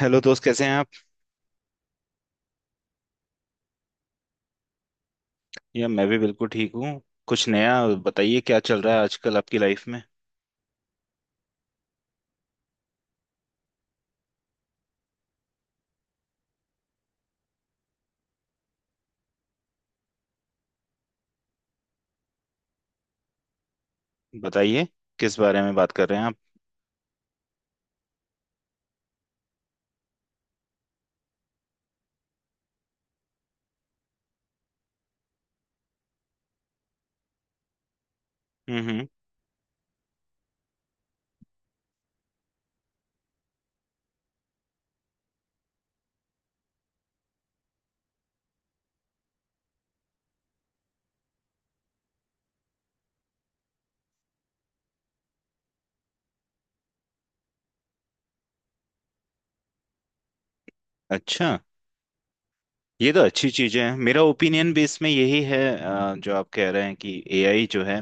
Hello दोस्त, कैसे हैं आप। या मैं भी बिल्कुल ठीक हूँ। कुछ नया बताइए, क्या चल रहा है आजकल आपकी लाइफ में। बताइए, किस बारे में बात कर रहे हैं आप। हम्म। अच्छा, ये तो अच्छी चीज है। मेरा ओपिनियन बेस में यही है जो आप कह रहे हैं कि एआई जो है,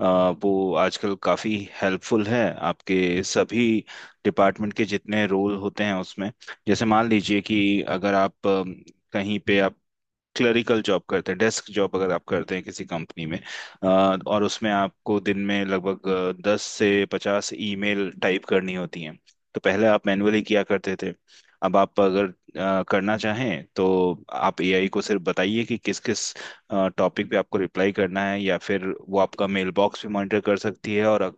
वो आजकल काफी हेल्पफुल है आपके सभी डिपार्टमेंट के जितने रोल होते हैं उसमें। जैसे मान लीजिए कि अगर आप कहीं पे आप क्लरिकल जॉब करते हैं, डेस्क जॉब अगर आप करते हैं किसी कंपनी में, अ, और उसमें आपको दिन में लगभग 10 से 50 ईमेल टाइप करनी होती हैं। तो पहले आप मैन्युअली किया करते थे। अब आप अगर करना चाहें तो आप एआई को सिर्फ बताइए कि किस किस टॉपिक पे आपको रिप्लाई करना है, या फिर वो आपका मेल बॉक्स भी मॉनिटर कर सकती है। और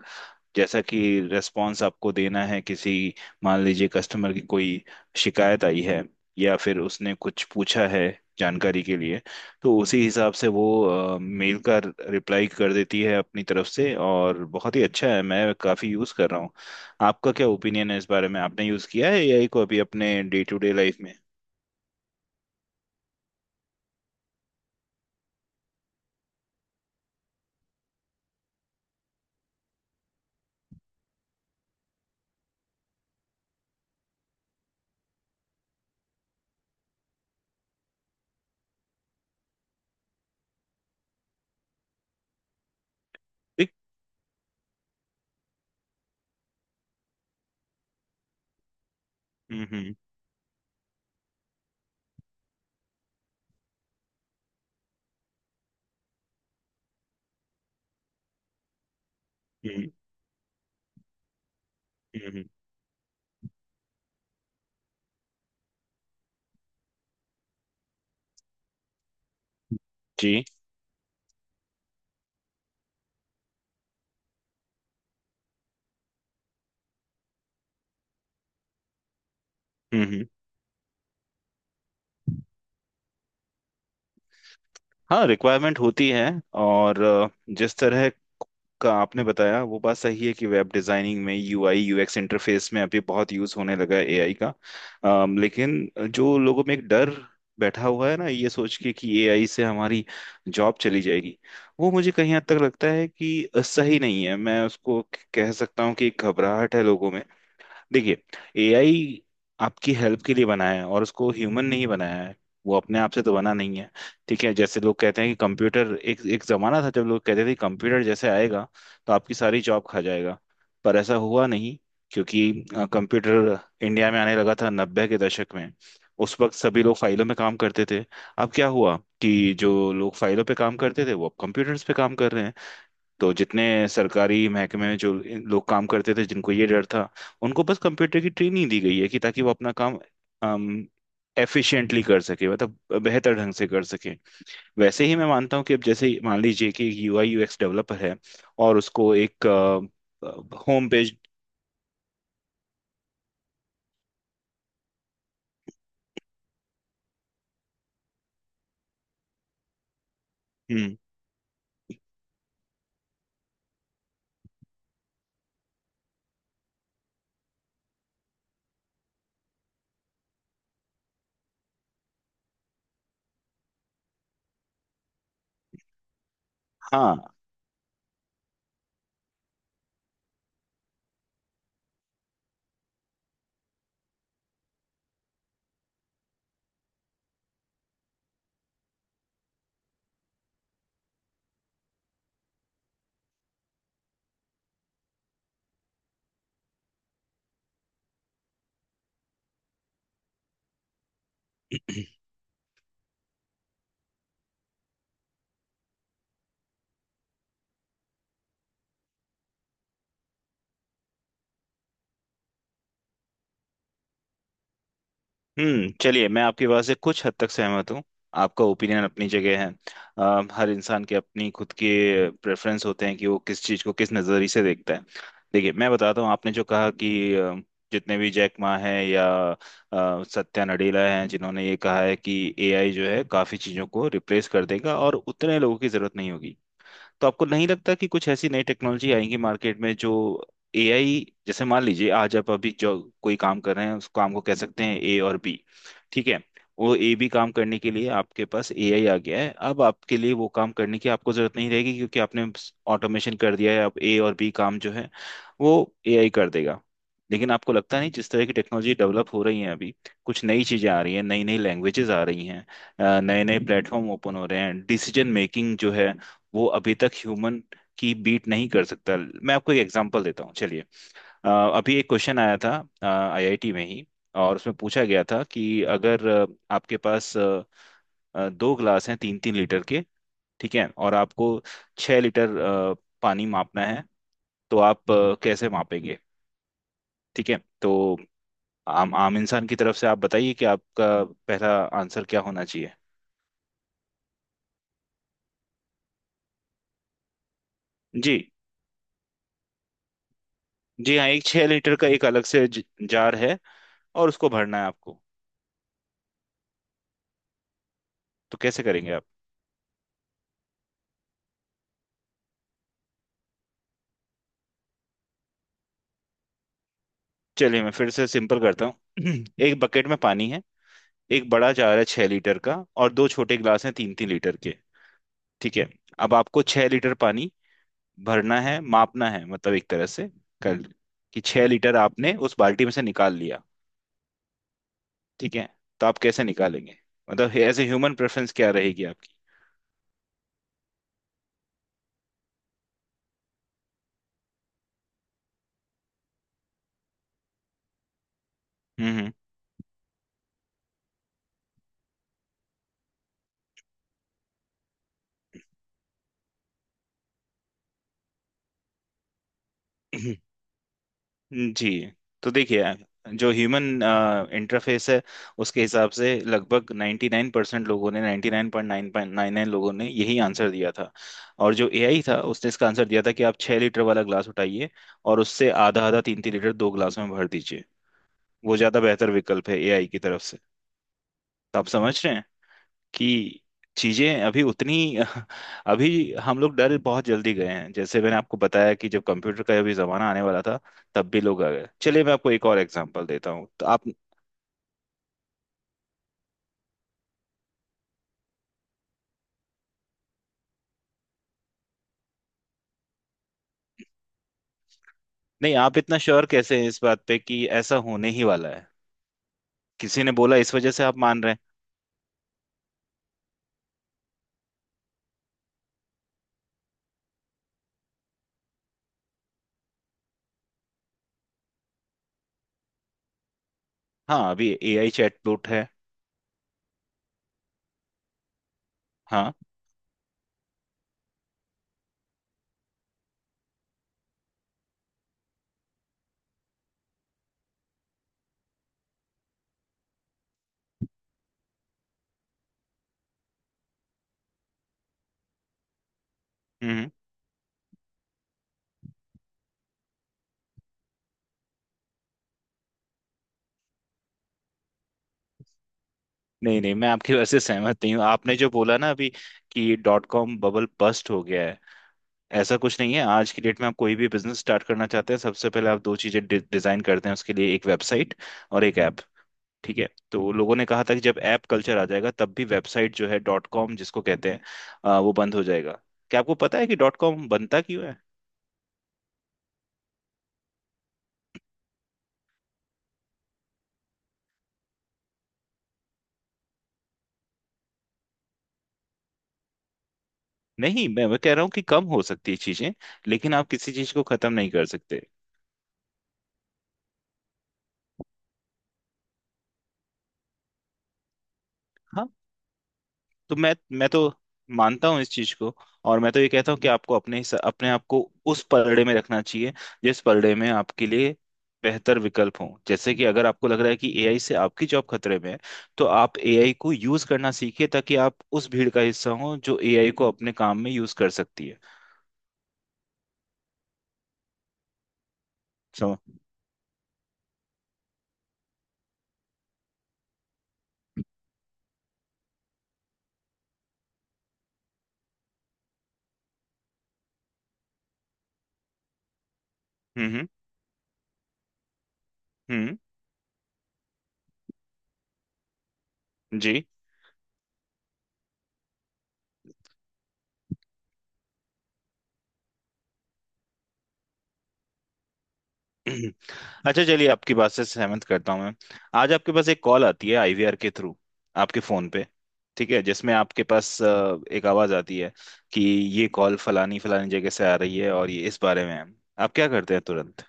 जैसा कि रेस्पॉन्स आपको देना है, किसी, मान लीजिए कस्टमर की कोई शिकायत आई है या फिर उसने कुछ पूछा है जानकारी के लिए, तो उसी हिसाब से वो मेल का रिप्लाई कर देती है अपनी तरफ से। और बहुत ही अच्छा है, मैं काफ़ी यूज़ कर रहा हूँ। आपका क्या ओपिनियन है इस बारे में, आपने यूज़ किया है एआई को अभी अपने डे टू डे लाइफ में। ठीक। हम्म। हम्म हम्म। जी जी। हम्म। हाँ, रिक्वायरमेंट होती है। और जिस तरह का आपने बताया वो बात सही है कि वेब डिजाइनिंग में यूआई यूएक्स इंटरफेस में अभी बहुत यूज होने लगा है एआई का। लेकिन जो लोगों में एक डर बैठा हुआ है ना, ये सोच के कि एआई से हमारी जॉब चली जाएगी, वो मुझे कहीं हद तक लगता है कि सही नहीं है। मैं उसको कह सकता हूँ कि एक घबराहट है लोगों में। देखिए, एआई आपकी हेल्प के लिए बनाया है, और उसको ह्यूमन नहीं बनाया है। वो अपने आप से तो बना नहीं है। ठीक है, जैसे लोग कहते हैं कि कंप्यूटर, एक एक जमाना था जब लोग कहते थे कंप्यूटर जैसे आएगा तो आपकी सारी जॉब खा जाएगा। पर ऐसा हुआ नहीं। क्योंकि कंप्यूटर इंडिया में आने लगा था 90 के दशक में। उस वक्त सभी लोग फाइलों में काम करते थे। अब क्या हुआ कि जो लोग फाइलों पे काम करते थे वो अब कंप्यूटर्स पे काम कर रहे हैं। तो जितने सरकारी महकमे में जो लोग काम करते थे जिनको ये डर था, उनको बस कंप्यूटर की ट्रेनिंग दी गई है कि ताकि वो अपना काम अम, एफिशिएंटली कर सके, मतलब बेहतर ढंग से कर सके। वैसे ही मैं मानता हूँ कि अब जैसे ही मान लीजिए कि यूआई यूएक्स डेवलपर है और उसको एक होम पेज। हम्म। हाँ। हम्म। चलिए, मैं आपकी बात से कुछ हद तक सहमत हूँ। आपका ओपिनियन अपनी जगह है। हर इंसान के अपनी खुद के प्रेफरेंस होते हैं कि वो किस चीज़ को किस नज़रिए से देखता है। देखिए, मैं बताता हूँ। आपने जो कहा कि जितने भी जैक मा हैं या सत्या नडेला हैं, जिन्होंने ये कहा है कि एआई जो है काफ़ी चीज़ों को रिप्लेस कर देगा और उतने लोगों की ज़रूरत नहीं होगी। तो आपको नहीं लगता कि कुछ ऐसी नई टेक्नोलॉजी आएंगी मार्केट में जो एआई, जैसे मान लीजिए आज आप अभी जो कोई काम कर रहे हैं उस काम को कह सकते हैं ए और बी। ठीक है। वो ए बी काम करने के लिए आपके पास एआई आ गया है, अब आपके लिए वो काम करने की आपको जरूरत नहीं रहेगी, क्योंकि आपने ऑटोमेशन कर दिया है। अब ए और बी काम जो है वो एआई कर देगा। लेकिन आपको लगता नहीं, जिस तरह की टेक्नोलॉजी डेवलप हो रही है अभी, कुछ नई चीजें आ रही हैं, नई नई लैंग्वेजेस आ रही हैं, नए नए प्लेटफॉर्म ओपन हो रहे हैं। डिसीजन मेकिंग जो है, वो अभी तक ह्यूमन की बीट नहीं कर सकता। मैं आपको एक एग्जांपल देता हूँ, चलिए। अ, अभी एक क्वेश्चन आया था आईआईटी में ही, और उसमें पूछा गया था कि अगर आपके पास दो ग्लास हैं 3 3 लीटर के, ठीक है, और आपको 6 लीटर पानी मापना है, तो आप कैसे मापेंगे। ठीक है। तो आम आम इंसान की तरफ से आप बताइए कि आपका पहला आंसर क्या होना चाहिए। जी। जी हाँ, एक छः लीटर का एक अलग से जार है, और उसको भरना है आपको। तो कैसे करेंगे आप। चलिए, मैं फिर से सिंपल करता हूँ। एक बकेट में पानी है, एक बड़ा जार है 6 लीटर का, और दो छोटे गिलास हैं 3 3 लीटर के। ठीक है। अब आपको 6 लीटर पानी भरना है, मापना है, मतलब एक तरह से कर, कि 6 लीटर आपने उस बाल्टी में से निकाल लिया। ठीक है, तो आप कैसे निकालेंगे। मतलब एज ए ह्यूमन प्रेफरेंस क्या रहेगी आपकी। हम्म हम्म। जी। तो देखिए, जो ह्यूमन इंटरफेस है, उसके हिसाब से लगभग 99% परसेंट लोगों ने, 99.999 लोगों ने यही आंसर दिया था। और जो एआई था, उसने इसका आंसर दिया था कि आप 6 लीटर वाला ग्लास उठाइए और उससे आधा आधा 3 3 लीटर दो ग्लास में भर दीजिए। वो ज़्यादा बेहतर विकल्प है एआई की तरफ से। तो आप समझ रहे कि चीजें अभी उतनी अभी हम लोग डर बहुत जल्दी गए हैं। जैसे मैंने आपको बताया कि जब कंप्यूटर का अभी जमाना आने वाला था तब भी लोग आ गए। चलिए, मैं आपको एक और एग्जांपल देता हूँ तो आप। नहीं, आप इतना श्योर कैसे हैं इस बात पे कि ऐसा होने ही वाला है। किसी ने बोला इस वजह से आप मान रहे हैं। हाँ, अभी एआई चैटबॉट है। हाँ। हम्म हम्म। नहीं नहीं, मैं आपकी वजह से सहमत नहीं हूँ। आपने जो बोला ना अभी कि डॉट कॉम बबल बस्ट हो गया है, ऐसा कुछ नहीं है। आज की डेट में आप कोई भी बिजनेस स्टार्ट करना चाहते हैं, सबसे पहले आप दो चीजें डि डिजाइन करते हैं उसके लिए, एक वेबसाइट और एक ऐप। ठीक है। तो लोगों ने कहा था कि जब ऐप कल्चर आ जाएगा तब भी वेबसाइट जो है डॉट कॉम जिसको कहते हैं, वो बंद हो जाएगा। क्या आपको पता है कि डॉट कॉम बनता क्यों है। नहीं, मैं कह रहा हूँ कि कम हो सकती है चीजें, लेकिन आप किसी चीज को खत्म नहीं कर सकते। तो मैं तो मानता हूँ इस चीज को, और मैं तो ये कहता हूँ कि आपको अपने आप को उस पलड़े में रखना चाहिए जिस पलड़े में आपके लिए बेहतर विकल्प हो। जैसे कि अगर आपको लग रहा है कि एआई से आपकी जॉब खतरे में है, तो आप एआई को यूज करना सीखिए ताकि आप उस भीड़ का हिस्सा हो जो एआई को अपने काम में यूज कर सकती है। सम- हम्म। हम्म, जी। अच्छा चलिए, आपकी बात से सहमत करता हूँ मैं। आज आपके पास एक कॉल आती है आईवीआर के थ्रू, आपके फोन पे। ठीक है, जिसमें आपके पास एक आवाज आती है कि ये कॉल फलानी फलानी जगह से आ रही है और ये इस बारे में है। आप क्या करते हैं तुरंत।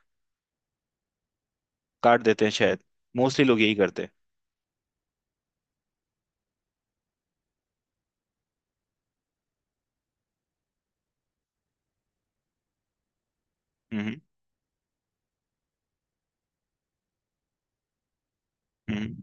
काट देते हैं शायद। मोस्टली लोग यही करते हैं। हम्म हम्म। हम्म।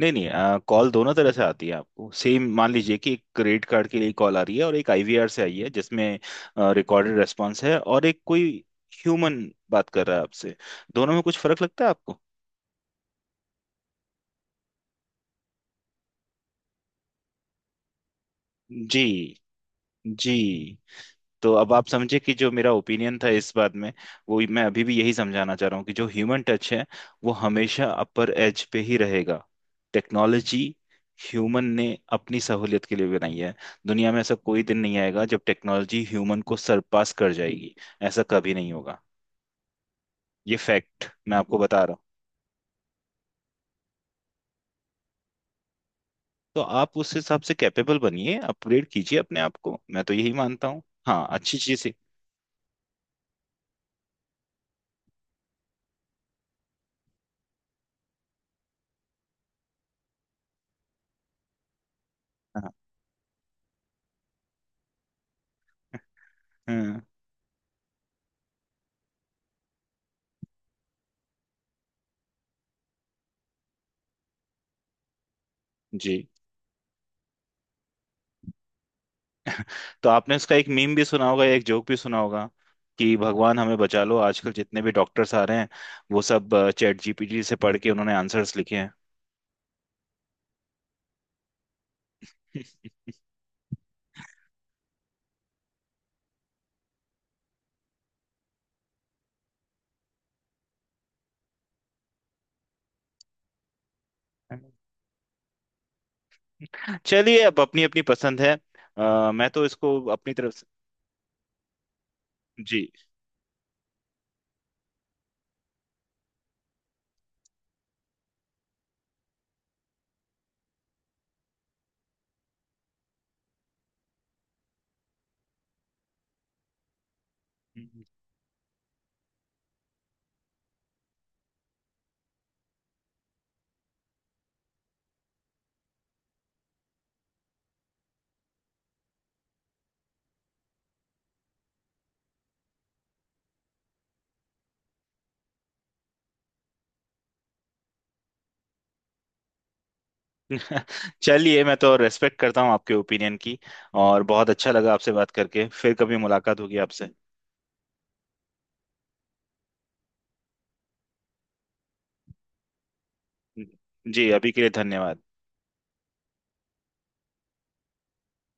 नहीं नहीं, कॉल दोनों तरह से आती है आपको। सेम मान लीजिए कि एक क्रेडिट कार्ड के लिए कॉल आ रही है, और एक आईवीआर से आई है जिसमें रिकॉर्डेड रेस्पॉन्स है, और एक कोई ह्यूमन बात कर रहा है आपसे। दोनों में कुछ फर्क लगता है आपको। जी। जी। तो अब आप समझे कि जो मेरा ओपिनियन था इस बात में, वो मैं अभी भी यही समझाना चाह रहा हूँ कि जो ह्यूमन टच है वो हमेशा अपर एज पे ही रहेगा। टेक्नोलॉजी ह्यूमन ने अपनी सहूलियत के लिए बनाई है। दुनिया में ऐसा कोई दिन नहीं आएगा जब टेक्नोलॉजी ह्यूमन को सरपास कर जाएगी। ऐसा कभी नहीं होगा। ये फैक्ट मैं आपको बता रहा हूँ। तो आप उस हिसाब से कैपेबल बनिए, अपग्रेड कीजिए अपने आप को। मैं तो यही मानता हूँ, हाँ, अच्छी चीज है। हाँ हाँ, जी। तो आपने उसका एक मीम भी सुना होगा, एक जोक भी सुना होगा कि भगवान हमें बचा लो, आजकल जितने भी डॉक्टर्स आ रहे हैं वो सब चैट जीपीटी से पढ़ के उन्होंने आंसर्स लिखे हैं। चलिए, अब अपनी अपनी पसंद है। मैं तो इसको अपनी तरफ से। जी, चलिए, मैं तो रेस्पेक्ट करता हूँ आपके ओपिनियन की। और बहुत अच्छा लगा आपसे बात करके, फिर कभी मुलाकात होगी आपसे। जी, अभी के लिए धन्यवाद।